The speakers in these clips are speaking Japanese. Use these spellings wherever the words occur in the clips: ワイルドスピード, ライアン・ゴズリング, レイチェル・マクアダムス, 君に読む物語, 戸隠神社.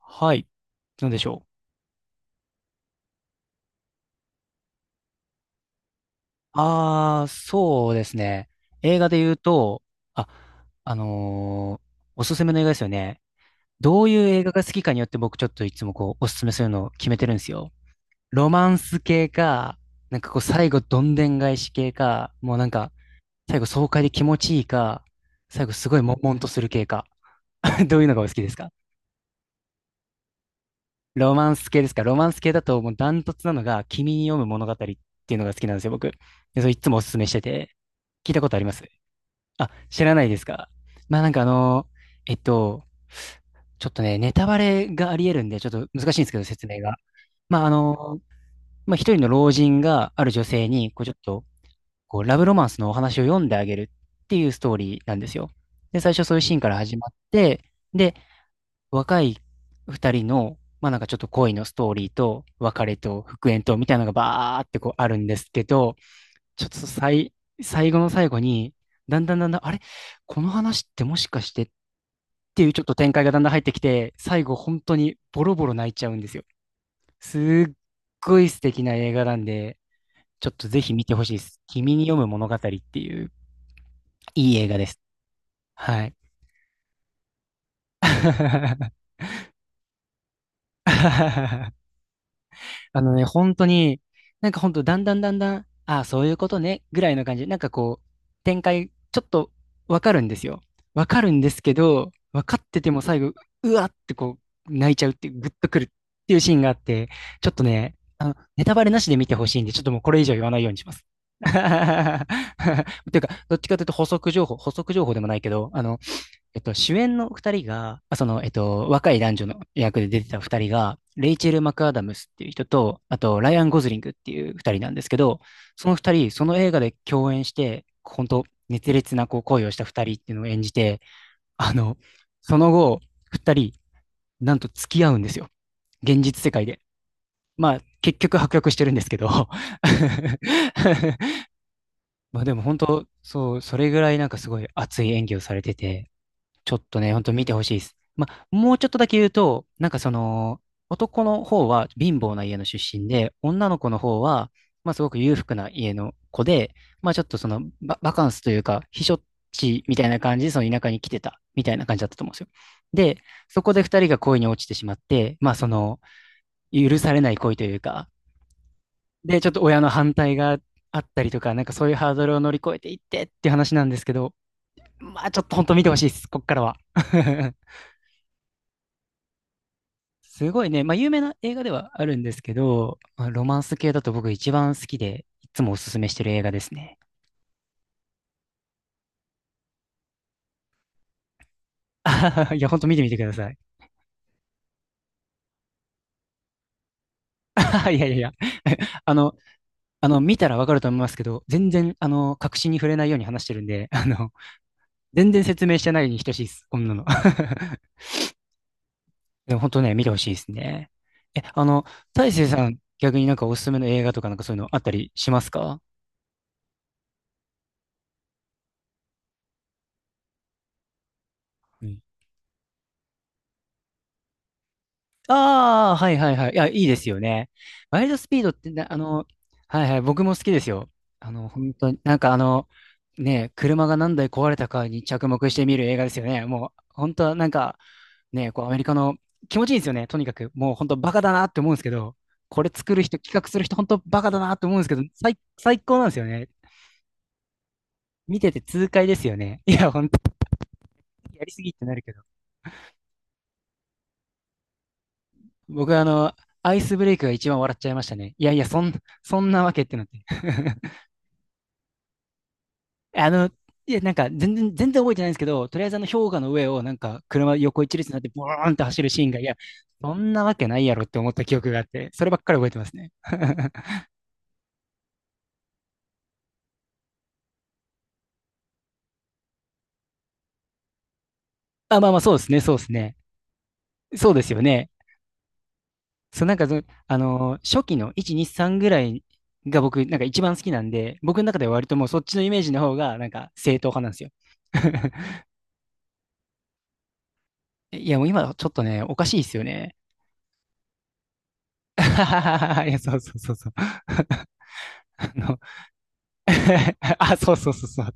はい。なんでしょう。ああ、そうですね。映画で言うと、あ、あのーおすすめの映画ですよね。どういう映画が好きかによって僕ちょっといつもこう、おすすめするのを決めてるんですよ。ロマンス系か、なんかこう、最後どんでん返し系か、もうなんか、最後爽快で気持ちいいか、最後すごい悶々とする系か。どういうのがお好きですか？ロマンス系ですか？ロマンス系だともうダントツなのが、君に読む物語っていうのが好きなんですよ、僕。で、それいつもおすすめしてて。聞いたことあります？あ、知らないですか？まあなんかあの、えっと、ちょっとね、ネタバレがあり得るんで、ちょっと難しいんですけど、説明が。まああの、まあ一人の老人がある女性に、こうちょっと、こうラブロマンスのお話を読んであげるっていうストーリーなんですよ。で、最初そういうシーンから始まって、で、若い二人の、まあなんかちょっと恋のストーリーと、別れと復縁と、みたいなのがバーってこうあるんですけど、ちょっと最、最後の最後に、だんだんだんだん、あれ？この話ってもしかしてっていうちょっと展開がだんだん入ってきて、最後本当にボロボロ泣いちゃうんですよ。すっごい素敵な映画なんで、ちょっとぜひ見てほしいです。君に読む物語っていういい映画です。はい。あのね、本当に、なんか本当だんだんだんだん、ああ、そういうことね、ぐらいの感じで、なんかこう、展開、ちょっとわかるんですよ。わかるんですけど、わかってても最後、うわってこう、泣いちゃうっていう、ぐっとくるっていうシーンがあって、ちょっとね、あの、ネタバレなしで見てほしいんで、ちょっともうこれ以上言わないようにします。ていうか、どっちかというと補足情報、補足情報でもないけど、あの、主演の二人が、あ、その、若い男女の役で出てた二人が、レイチェル・マクアダムスっていう人と、あと、ライアン・ゴズリングっていう二人なんですけど、その二人、その映画で共演して、本当熱烈なこう恋をした二人っていうのを演じて、あの、その後、二人、なんと付き合うんですよ。現実世界で。まあ、結局破局してるんですけど。まあでも本当、そう、それぐらいなんかすごい熱い演技をされてて、ちょっとね、ほんと見てほしいです。まあ、もうちょっとだけ言うと、なんかその、男の方は貧乏な家の出身で、女の子の方は、まあすごく裕福な家の子で、まあちょっとそのバカンスというか、避暑地みたいな感じで、その田舎に来てた、みたいな感じだったと思うんですよ。で、そこで二人が恋に落ちてしまって、まあその、許されない恋というか、で、ちょっと親の反対があったりとか、なんかそういうハードルを乗り越えていってっていう話なんですけど、まあちょっと本当見てほしいです、こっからは。すごいね。まあ、有名な映画ではあるんですけど、まあ、ロマンス系だと僕一番好きで、いつもおすすめしてる映画ですね。いや、ほんと見てみてください。いやいやいや。あの、あの、見たらわかると思いますけど、全然、あの、確信に触れないように話してるんで、あの、全然説明してないに等しいです。こんなの。でも本当ね、見てほしいですね。え、あの、大成さん、逆になんかおすすめの映画とかなんかそういうのあったりしますか？うん、ああ、はいはいはい。いや、いいですよね。ワイルドスピードってな、あの、はいはい、僕も好きですよ。あの、本当に、なんかあの、ね、車が何台壊れたかに着目して見る映画ですよね。もう、本当はなんか、ね、こうアメリカの気持ちいいですよね。とにかく、もう本当バカだなって思うんですけど、これ作る人、企画する人、本当バカだなって思うんですけど、最高なんですよね。見てて痛快ですよね。いや、本当にやりすぎってなるけど。僕はあの、アイスブレイクが一番笑っちゃいましたね。いやいや、そんなわけってなって。あの、いや、なんか全然覚えてないんですけど、とりあえずあの氷河の上をなんか車横一列になってボーンって走るシーンが、いや、そんなわけないやろって思った記憶があって、そればっかり覚えてますね。あ、まあまあ、そうですね、そうですね。そうですよね。そう、なんかその、初期の1、2、3ぐらいが僕、なんか一番好きなんで、僕の中では割ともうそっちのイメージの方が、なんか正統派なんですよ。いや、もう今ちょっとね、おかしいですよね。いや、そうそうそうそう。あの。 あ、そうそうそうそう。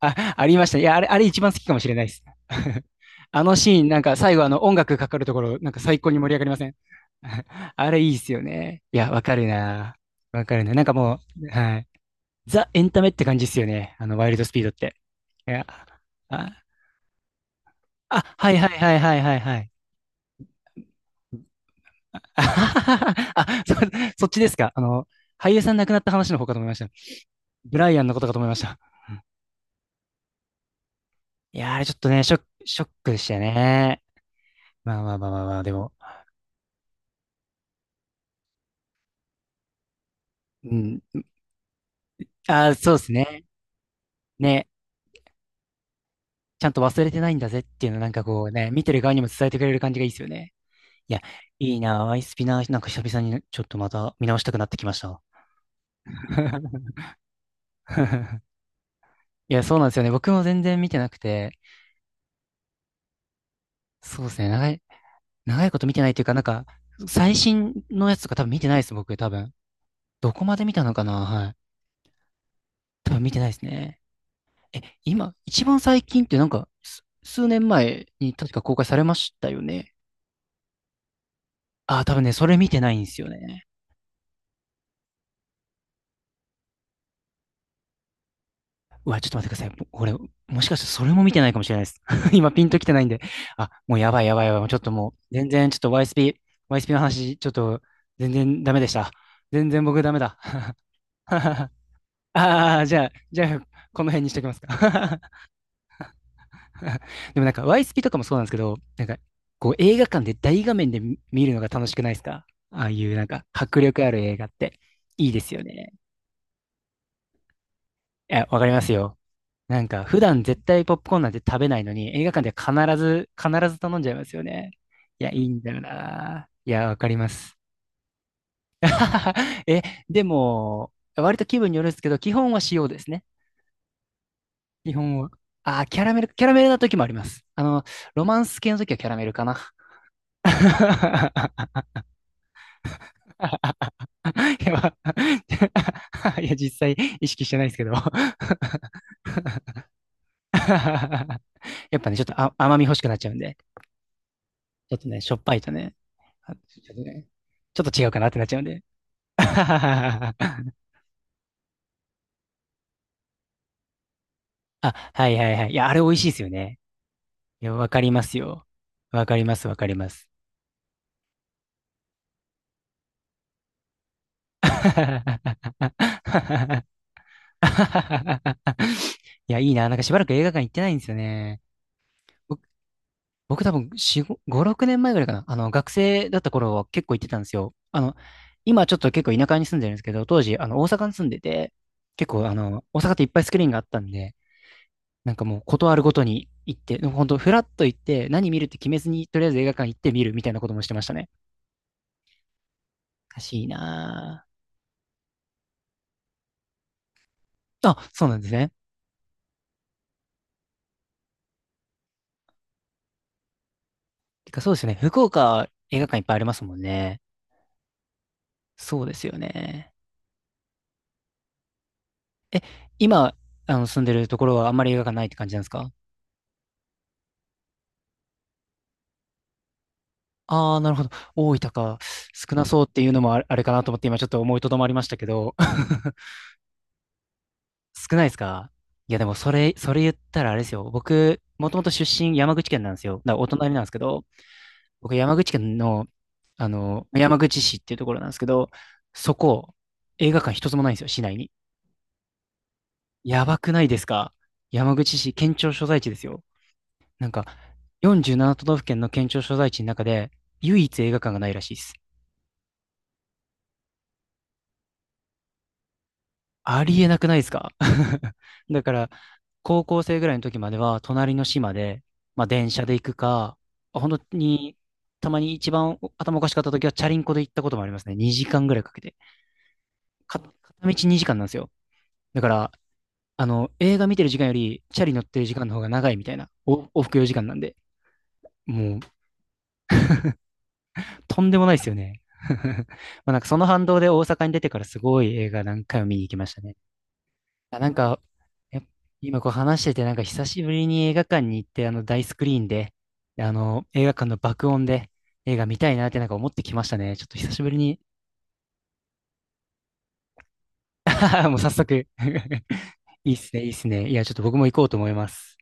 あ、ありました。いや、あれ一番好きかもしれないです。あのシーン、なんか最後あの音楽かかるところ、なんか最高に盛り上がりません？ あれいいっすよね。いや、わかるな。わかるな。なんかもう、はい。ザ・エンタメって感じっすよね。あの、ワイルドスピードって。いや、あ、あ、はいはいはいはいはいはい。あ、そ、そっちですか。あの、俳優さん亡くなった話の方かと思いました。ブライアンのことかと思いました。いやー、あれちょっとね、ショックでしたね。まあまあまあまあまあ、でも、うん。ああ、そうですね。ね。ちゃんと忘れてないんだぜっていうのなんかこうね、見てる側にも伝えてくれる感じがいいですよね。いや、いいなあ、アイスピナーなんか久々にちょっとまた見直したくなってきました。いや、そうなんですよね。僕も全然見てなくて、そうですね。長いこと見てないというか、なんか、最新のやつとか多分見てないです、僕、多分。どこまで見たのかな？はい。多分見てないですね。え、今、一番最近ってなんか、す、数年前に確か公開されましたよね。ああ、多分ね、それ見てないんですよね。うわ、ちょっと待ってください。俺、もしかしてそれも見てないかもしれないです。今ピンときてないんで。あ、もうやばいやばいやばい。もうちょっともう、全然ちょっと YSP、YSP の話、ちょっと全然ダメでした。全然僕ダメだ。ああ、じゃあ、この辺にしときますか？ でもなんか YSP とかもそうなんですけど、なんか、こう映画館で大画面で見るのが楽しくないですか？ああいうなんか迫力ある映画っていいですよね。いや、わかりますよ。なんか、普段絶対ポップコーンなんて食べないのに、映画館では必ず、必ず頼んじゃいますよね。いや、いいんだよな。いや、わかります。え、でも、割と気分によるんですけど、基本は塩ですね。基本は。キャラメルな時もあります。ロマンス系の時はキャラメルかな。いや、まあ いや実際意識してないですけど やっぱね、ちょっと甘み欲しくなっちゃうんで、ちょっとね、しょっぱいとね、ちょっとね、ちょっと違うかなってなっちゃうんで。あ、はいはいはい。いや、あれ美味しいですよね。いや、わかりますよ。わかります、わかります。いや、いいな。なんかしばらく映画館行ってないんですよね。僕、僕多分4、5、5 6年前ぐらいかな。学生だった頃は結構行ってたんですよ。今ちょっと結構田舎に住んでるんですけど、当時、大阪に住んでて、結構大阪っていっぱいスクリーンがあったんで、なんかもうことあるごとに行って、本当フラッと行って、何見るって決めずに、とりあえず映画館行って見るみたいなこともしてましたね。おかしいな。ぁあ、そうなんですね。てかそうですよね。福岡映画館いっぱいありますもんね。そうですよね。え、今、住んでるところはあんまり映画館ないって感じなんですか？ああー、なるほど。大分か。少なそうっていうのもあれかなと思って今ちょっと思いとどまりましたけど。少ないですか？いやでもそれ言ったらあれですよ。僕、もともと出身山口県なんですよ。だからお隣なんですけど、僕、山口県の、山口市っていうところなんですけど、そこ、映画館一つもないんですよ、市内に。やばくないですか？山口市、県庁所在地ですよ。なんか、47都道府県の県庁所在地の中で、唯一映画館がないらしいです。ありえなくないですか？ だから、高校生ぐらいの時までは、隣の市まで、まあ、電車で行くか、本当に、たまに一番頭おかしかった時は、チャリンコで行ったこともありますね。2時間ぐらいかけて。片道2時間なんですよ。だから、映画見てる時間より、チャリ乗ってる時間の方が長いみたいな、往復4時間なんで、もう、とんでもないですよね。まあなんかその反動で大阪に出てからすごい映画何回も見に行きましたね。あ、なんか、やっ今こう話してて、なんか久しぶりに映画館に行って、あの大スクリーンで、あの映画館の爆音で映画見たいなってなんか思ってきましたね。ちょっと久しぶりに。もう早速 いいっすね、いいっすね。いや、ちょっと僕も行こうと思います。